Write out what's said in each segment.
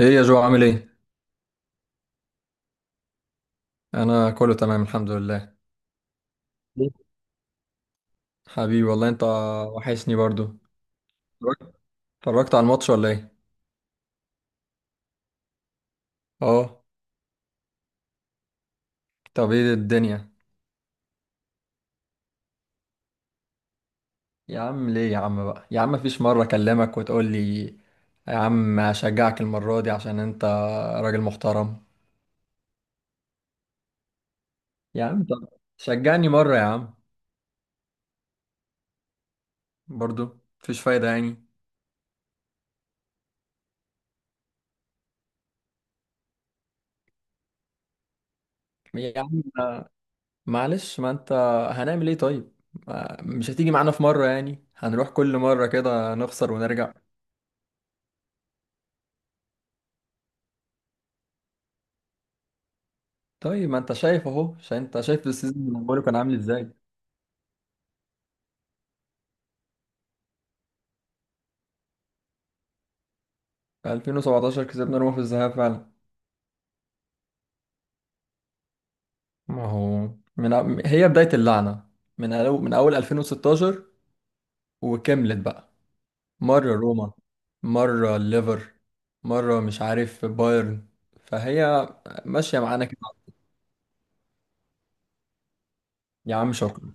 ايه يا جو؟ عامل ايه؟ انا كله تمام الحمد لله. ليه؟ حبيبي والله انت، وحشني برضو. اتفرجت اتفرجت على الماتش ولا ايه؟ اه. طب ايه الدنيا؟ يا عم ليه يا عم بقى يا عم؟ مفيش مرة اكلمك وتقول لي يا عم هشجعك المرة دي عشان انت راجل محترم. يا عم طب شجعني مرة يا عم. برضو مفيش فايدة يعني. يا عم معلش، ما انت هنعمل ايه طيب؟ مش هتيجي معانا في مرة؟ يعني هنروح كل مرة كده نخسر ونرجع. طيب ما انت شايف اهو، عشان انت شايف السيزون اللي بقوله كان عامل ازاي. في 2017 كسبنا روما في الذهاب فعلا. ما هو من هي بداية اللعنة؟ من أول 2016، وكملت بقى. مرة روما، مرة الليفر، مرة مش عارف بايرن. فهي ماشية معانا كده. يا عم شكرا،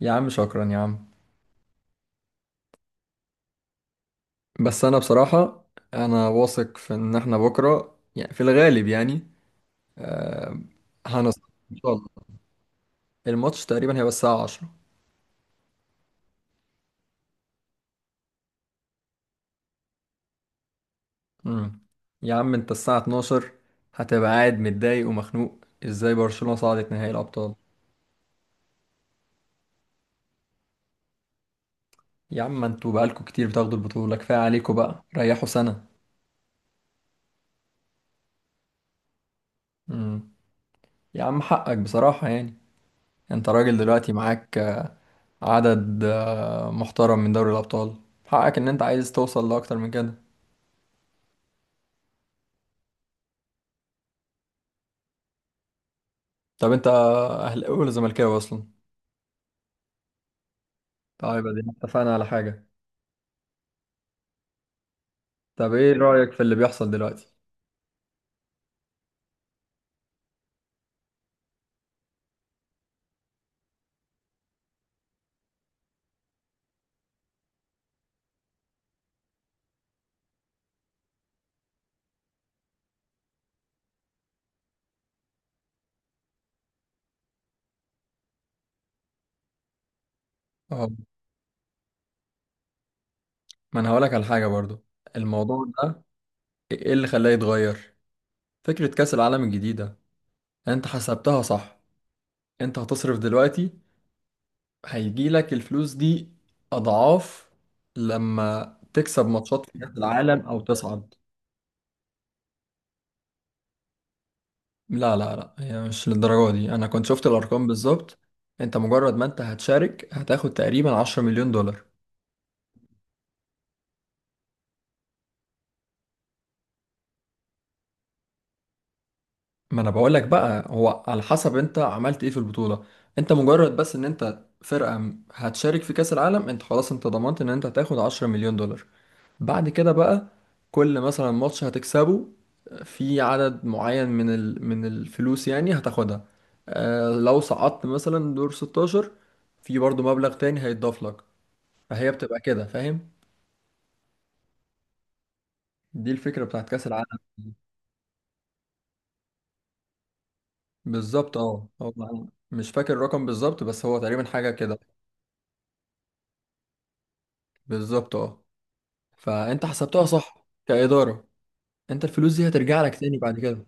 يا عم شكرا يا عم. بس أنا بصراحة أنا واثق في إن إحنا بكرة يعني في الغالب يعني هنصر إن شاء الله. الماتش تقريبا هيبقى الساعة 10. مم. يا عم انت الساعة 12 هتبقى قاعد متضايق ومخنوق ازاي برشلونة صعدت نهائي الأبطال. يا عم انتوا بقالكوا كتير بتاخدوا البطولة، كفاية عليكوا بقى، ريحوا سنة. مم. يا عم حقك بصراحة يعني. انت راجل دلوقتي معاك عدد محترم من دوري الأبطال. حقك ان انت عايز توصل لأكتر من كده. طب انت أهلاوي ولا زملكاوي أصلا؟ طيب ادينا اتفقنا على حاجة. طب ايه رأيك في اللي بيحصل دلوقتي؟ اه، ما انا هقولك على حاجة برضو. الموضوع ده ايه اللي خلاه يتغير؟ فكرة كأس العالم الجديدة، انت حسبتها صح؟ انت هتصرف دلوقتي، هيجيلك الفلوس دي أضعاف لما تكسب ماتشات في كأس العالم أو تصعد. لا لا لا، هي مش للدرجة دي. أنا كنت شفت الأرقام بالظبط. انت مجرد ما انت هتشارك هتاخد تقريبا 10 مليون دولار. ما انا بقولك بقى، هو على حسب انت عملت ايه في البطولة. انت مجرد بس ان انت فرقة هتشارك في كأس العالم انت خلاص انت ضمنت ان انت هتاخد 10 مليون دولار. بعد كده بقى، كل مثلا ماتش هتكسبه في عدد معين من الفلوس يعني هتاخدها. آه، لو صعدت مثلا دور 16 في برضو مبلغ تاني هيتضاف لك. فهي بتبقى كده، فاهم؟ دي الفكرة بتاعت كأس العالم. بالظبط اه. هو أنا مش فاكر الرقم بالظبط بس هو تقريبا حاجة كده. بالظبط اه، فانت حسبتها صح كإدارة. انت الفلوس دي هترجع لك تاني بعد كده.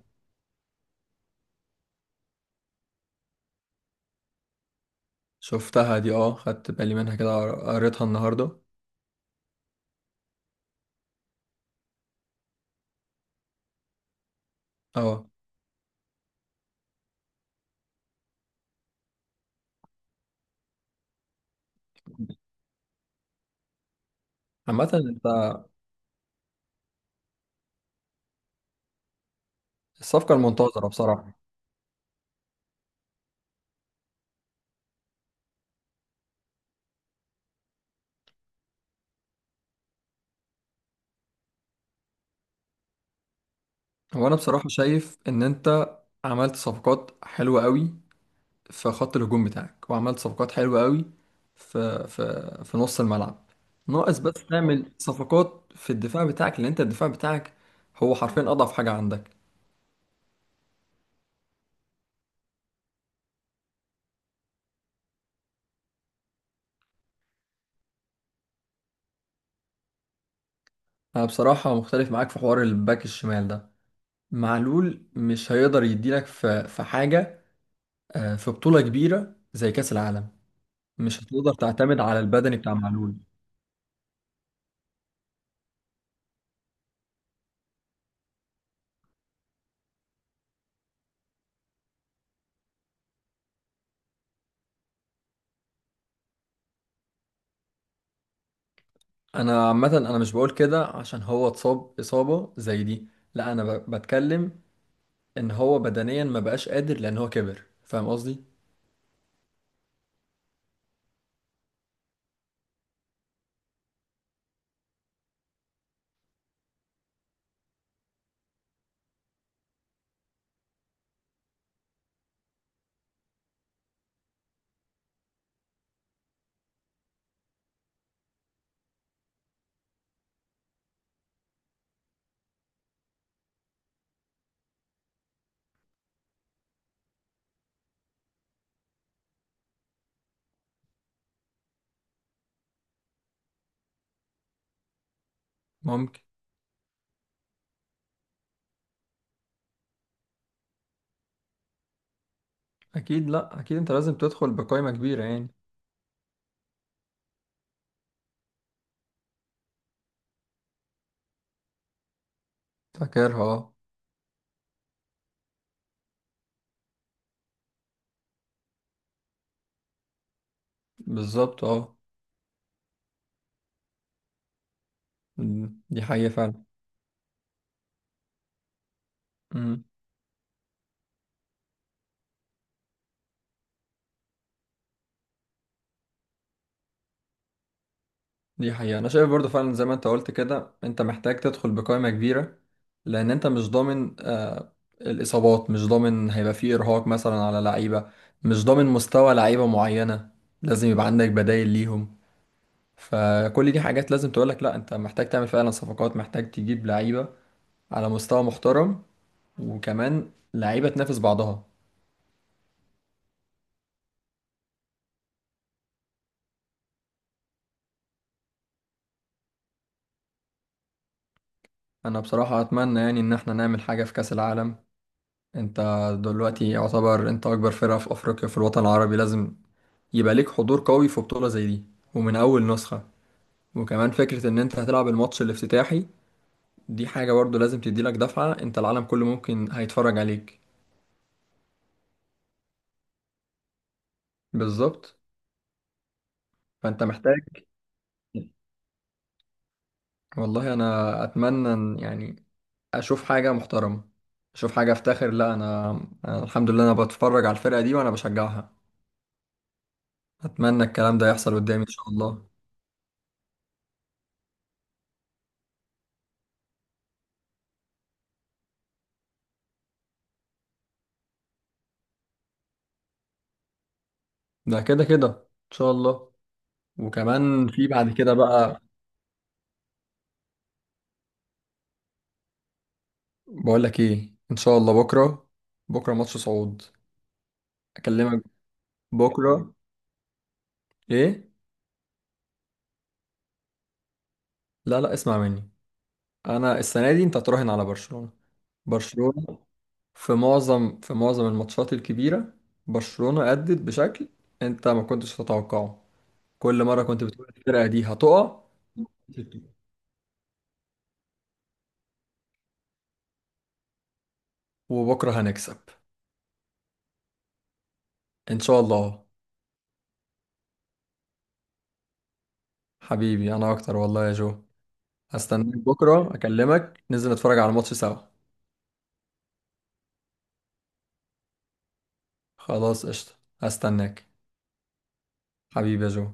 شفتها دي اه، خدت بالي منها كده، قريتها النهاردة. اه. عامة الصفقة المنتظرة بصراحة. هو أنا بصراحة شايف إن أنت عملت صفقات حلوة قوي في خط الهجوم بتاعك، وعملت صفقات حلوة قوي في نص الملعب. ناقص بس تعمل صفقات في الدفاع بتاعك لأن أنت الدفاع بتاعك هو حرفيا أضعف حاجة عندك. أنا بصراحة مختلف معاك في حوار الباك الشمال ده. معلول مش هيقدر يديلك في حاجة، في بطولة كبيرة زي كأس العالم. مش هتقدر تعتمد على البدني بتاع معلول. انا عامه انا مش بقول كده عشان هو اتصاب اصابه زي دي. لا انا بتكلم ان هو بدنيا ما بقاش قادر لان هو كبر، فاهم قصدي؟ ممكن. اكيد لا، اكيد انت لازم تدخل بقائمه كبيره يعني. فاكرها اه. بالظبط اه. دي حقيقه فعلا. إمم. دي حقيقة، أنا شايف برضو فعلا زي ما أنت قلت كده، أنت محتاج تدخل بقائمة كبيرة لأن أنت مش ضامن الإصابات، مش ضامن هيبقى فيه إرهاق مثلا على لعيبة، مش ضامن مستوى لعيبة معينة، لازم يبقى عندك بدايل ليهم. فكل دي حاجات لازم تقولك لأ، أنت محتاج تعمل فعلا صفقات، محتاج تجيب لعيبة على مستوى محترم، وكمان لعيبة تنافس بعضها. أنا بصراحة أتمنى يعني إن احنا نعمل حاجة في كأس العالم. أنت دلوقتي يعتبر أنت أكبر فرقة في أفريقيا في الوطن العربي، لازم يبقى ليك حضور قوي في بطولة زي دي ومن أول نسخة. وكمان فكرة إن أنت هتلعب الماتش الافتتاحي دي حاجة برضو لازم تديلك دفعة. أنت العالم كله ممكن هيتفرج عليك. بالظبط. فأنت محتاج. والله أنا أتمنى إن يعني أشوف حاجة محترمة، أشوف حاجة أفتخر. لا، أنا الحمد لله أنا بتفرج على الفرقة دي وأنا بشجعها. أتمنى الكلام ده يحصل قدامي إن شاء الله. ده كده كده إن شاء الله. وكمان في بعد كده بقى. بقول لك ايه؟ ان شاء الله بكره، بكره ماتش صعود. اكلمك بكره، ايه. لا لا، اسمع مني. انا السنه دي انت هتراهن على برشلونه. برشلونه في معظم الماتشات الكبيره، برشلونه ادت بشكل انت ما كنتش تتوقعه. كل مره كنت بتقول الفرقه دي هتقع. وبكره هنكسب ان شاء الله. حبيبي انا اكتر والله يا جو. هستناك بكره اكلمك، ننزل نتفرج على الماتش سوا. خلاص قشطه. هستناك. حبيبي يا جو.